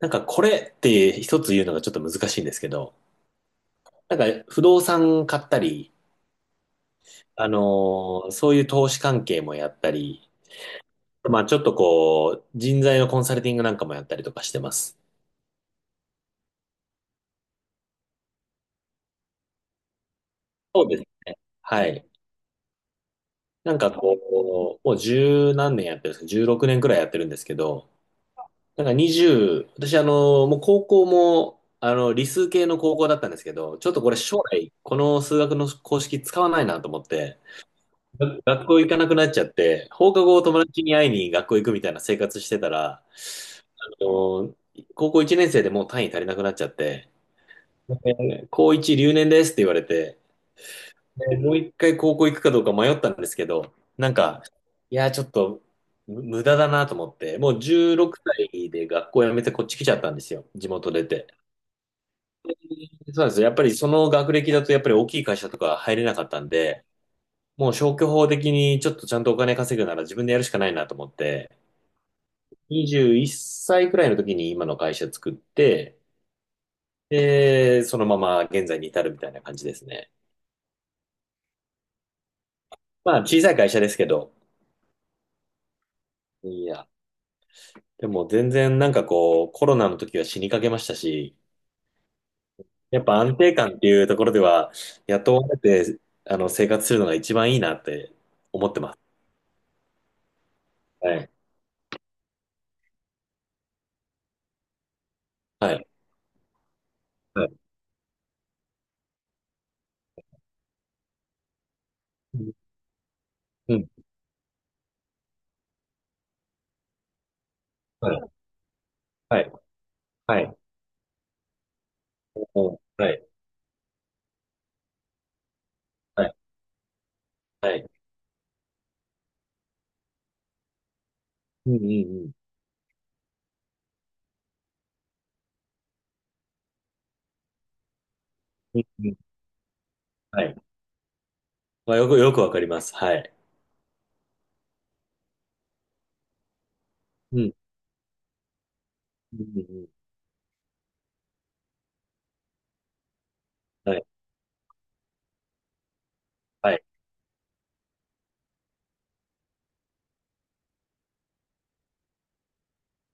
なんかこれって一つ言うのがちょっと難しいんですけど、なんか不動産買ったり、あのそういう投資関係もやったり、まあちょっとこう、人材のコンサルティングなんかもやったりとかしてます。そうですね。はい。なんかこう、もう十何年やってるんですか。16年くねんくらいやってるんですけど、なんか20、私もう高校も、あの、理数系の高校だったんですけど、ちょっとこれ将来、この数学の公式使わないなと思って、が学校行かなくなっちゃって、放課後友達に会いに学校行くみたいな生活してたら、あの、高校1年生でもう単位足りなくなっちゃって、で高1留年ですって言われて、でもう一回高校行くかどうか迷ったんですけど、なんか、いや、ちょっと無駄だなと思って、もう16歳で学校辞めてこっち来ちゃったんですよ、地元出て。そうなんですよ。やっぱりその学歴だとやっぱり大きい会社とか入れなかったんで、もう消去法的にちょっとちゃんとお金稼ぐなら自分でやるしかないなと思って、21歳くらいの時に今の会社作って、で、そのまま現在に至るみたいな感じですね。まあ小さい会社ですけど、いや、でも全然なんかこうコロナの時は死にかけましたし、やっぱ安定感っていうところでは雇われてあの生活するのが一番いいなって思ってます。はい。はい。はい。うん。うんはい。はい。はい。うんはい。はい。はい。うんうんうん。うんうん、はい。まあ、よく、よくわかります。はい。うん。うんうんうん、はい。はい。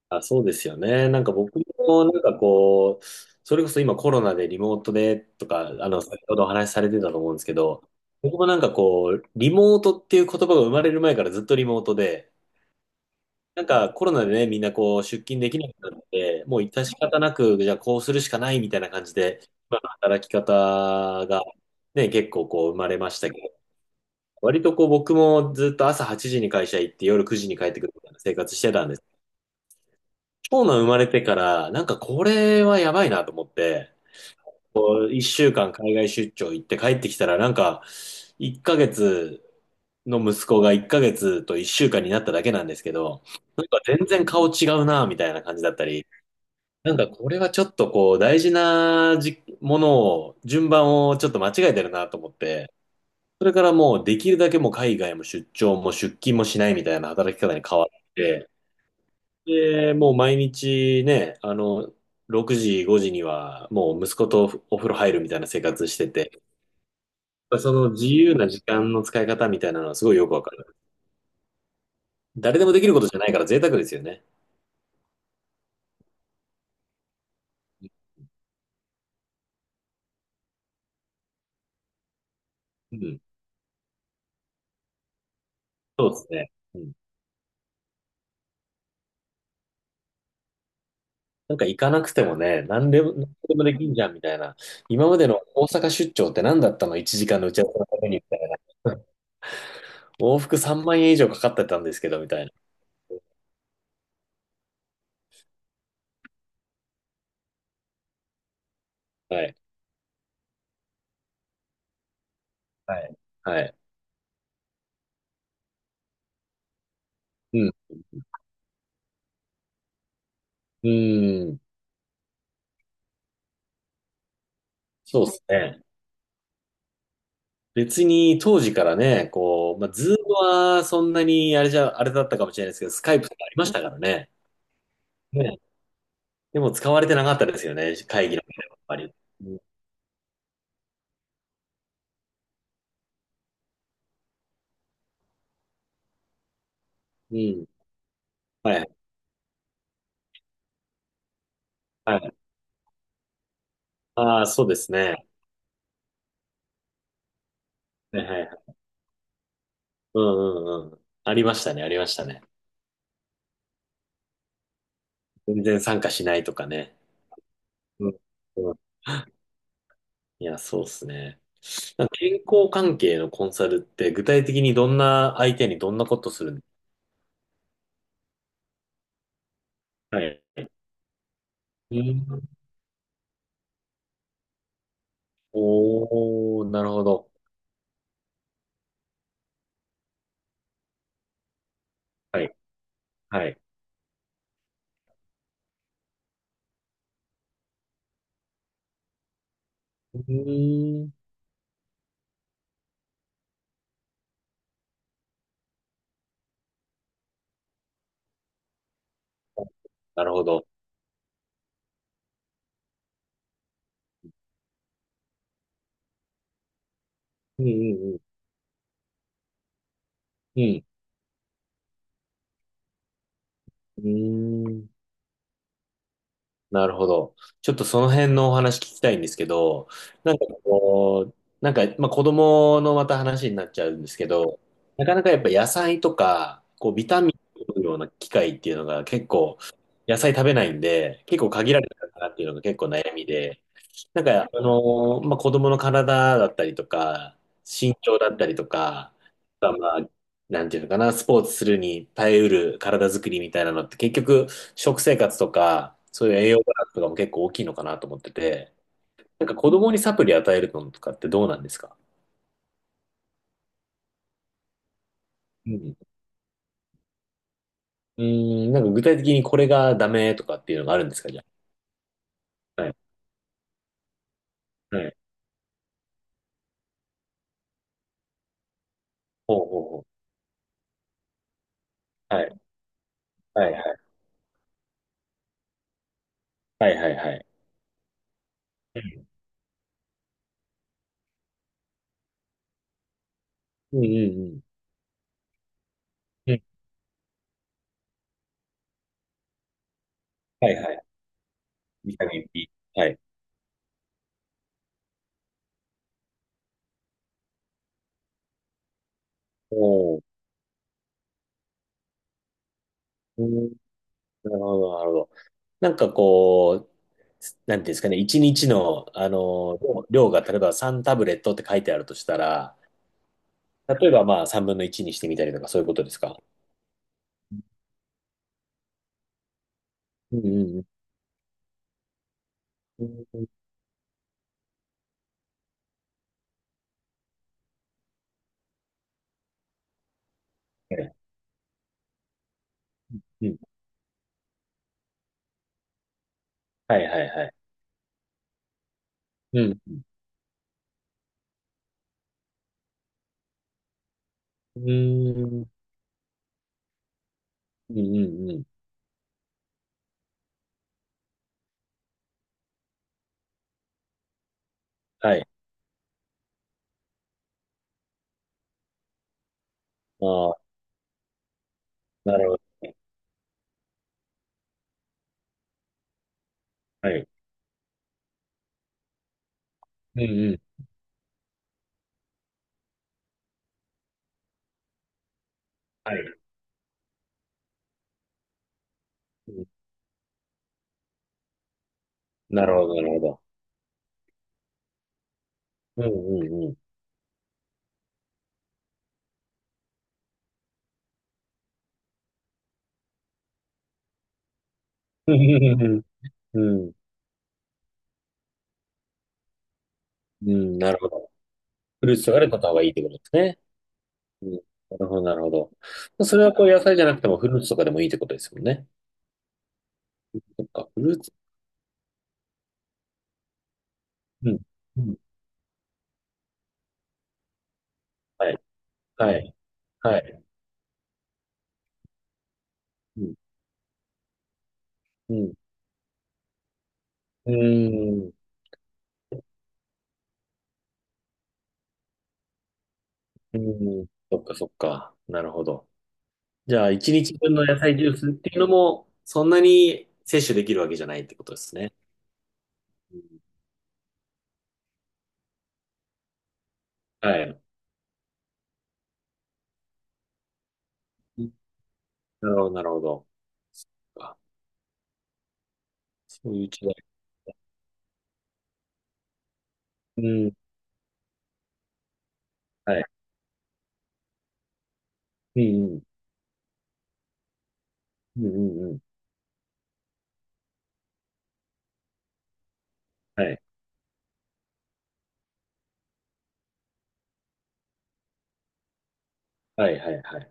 あ、そうですよね。なんか僕も、なんかこう、それこそ今コロナでリモートでとか、あの、先ほどお話しされてたと思うんですけど、僕もなんかこう、リモートっていう言葉が生まれる前からずっとリモートで、なんかコロナでね、みんなこう、出勤できなくなって、もう致し方なく、じゃあこうするしかないみたいな感じで、今の働き方がね、結構こう、生まれましたけど、割とこう僕もずっと朝8時に会社行って夜9時に帰ってくるみたいな生活してたんです。長男生まれてからなんかこれはやばいなと思って、1週間海外出張行って帰ってきたらなんか1ヶ月の息子が1ヶ月と1週間になっただけなんですけど、なんか全然顔違うなみたいな感じだったり、なんかこれはちょっとこう大事なものを順番をちょっと間違えてるなと思って、それからもうできるだけもう海外も出張も出勤もしないみたいな働き方に変わって、で、もう毎日ね、あの、6時、5時にはもう息子とお風呂入るみたいな生活してて、その自由な時間の使い方みたいなのはすごいよくわかる。誰でもできることじゃないから贅沢ですよね。うん、そうですね。うん、なんか行かなくてもね、何でも、何でもできんじゃんみたいな。今までの大阪出張って何だったの？ 1 時間の打ち合わせのためにみたいな。往復3万円以上かかってたんですけどみたいな。はい。はい。はい。うん。うーん。そうですね。別に当時からね、こう、まあ、ズームはそんなにあれじゃ、あれだったかもしれないですけど、スカイプとかありましたからね。ね。でも使われてなかったですよね、会議の場ではやっぱり。うん。うん、はい。はい。ああ、そうですね。はいはいはい。うんうんうん。ありましたね、ありましたね。全然参加しないとかね。うん。うん、いや、そうですね。なんか健康関係のコンサルって具体的にどんな相手にどんなことするん？はい。うーん。おー、なるほど。はい。はい。うーん。なるほど。うんうんうん。うん。うーん。なるほど。ちょっとその辺のお話聞きたいんですけど、なんかこう、なんか、まあ、子供のまた話になっちゃうんですけど、なかなかやっぱ野菜とか、こうビタミンを取るような機会っていうのが結構、野菜食べないんで、結構限られたかなっていうのが結構悩みで、なんか、まあ、子供の体だったりとか、身長だったりとか、まあ、まあ、なんていうのかな、スポーツするに耐えうる体作りみたいなのって結局、食生活とか、そういう栄養バランスとかも結構大きいのかなと思ってて、なんか子供にサプリ与えるのとかってどうなんですか？うん。うーん、なんか具体的にこれがダメとかっていうのがあるんですか？じゃあ。はい。はい。ほうほうほう。はい。はいはい。はいはいはい。うんうんうん。うん、はいはい。ビタミン B。はい。お、うーん、なるほど、なるほど。なんかこう、なんていうんですかね、一日の、あの、量が例えば3タブレットって書いてあるとしたら、例えばまあ3分の1にしてみたりとかそういうことですか？うんうんうん。うんうん、はいはいはい。うん。うーん。うんうんうん。はい。ああ、なるほどね。はい。うんうん。はい。うん、なるほど、なるほど。うんうんうん。うんうんうん。うん、うん、なるほど。フルーツとかで買った方がいいってことですね。うん、なるほど、なるほど。それはこう野菜じゃなくてもフルーツとかでもいいってことですもんね。そっか、フルーツ。うん。うん。はい。はい。はい。うん。うん。うーん。うん。そっか、そっか。なるほど。じゃあ、一日分の野菜ジュースっていうのも、そんなに摂取できるわけじゃないってことですね。うん。はい。うん、なるほど、なるほど。そっか。そういう違い。うん。はい。うん、うん。うん、うん、うん。はい。はい、はい、はい。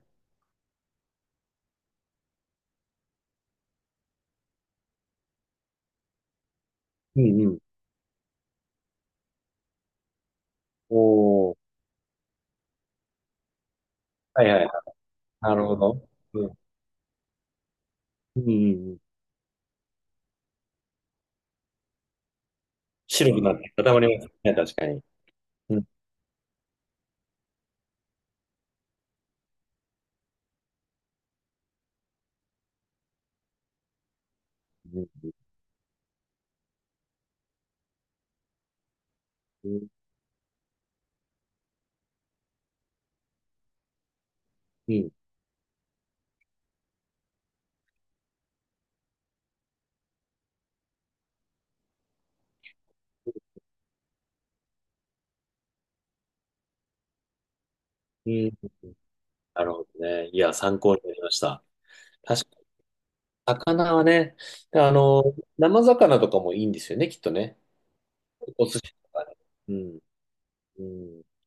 うん、うん。おー。はい、はい。なるほど。うん。うんうんうん。白くなって固まりますね、確かに。うん、うん、うん、うん、うん。なるほどね。いや、参考になりました。確かに、魚はね、あの、生魚とかもいいんですよね、きっとね。お寿司とかね。うん。うん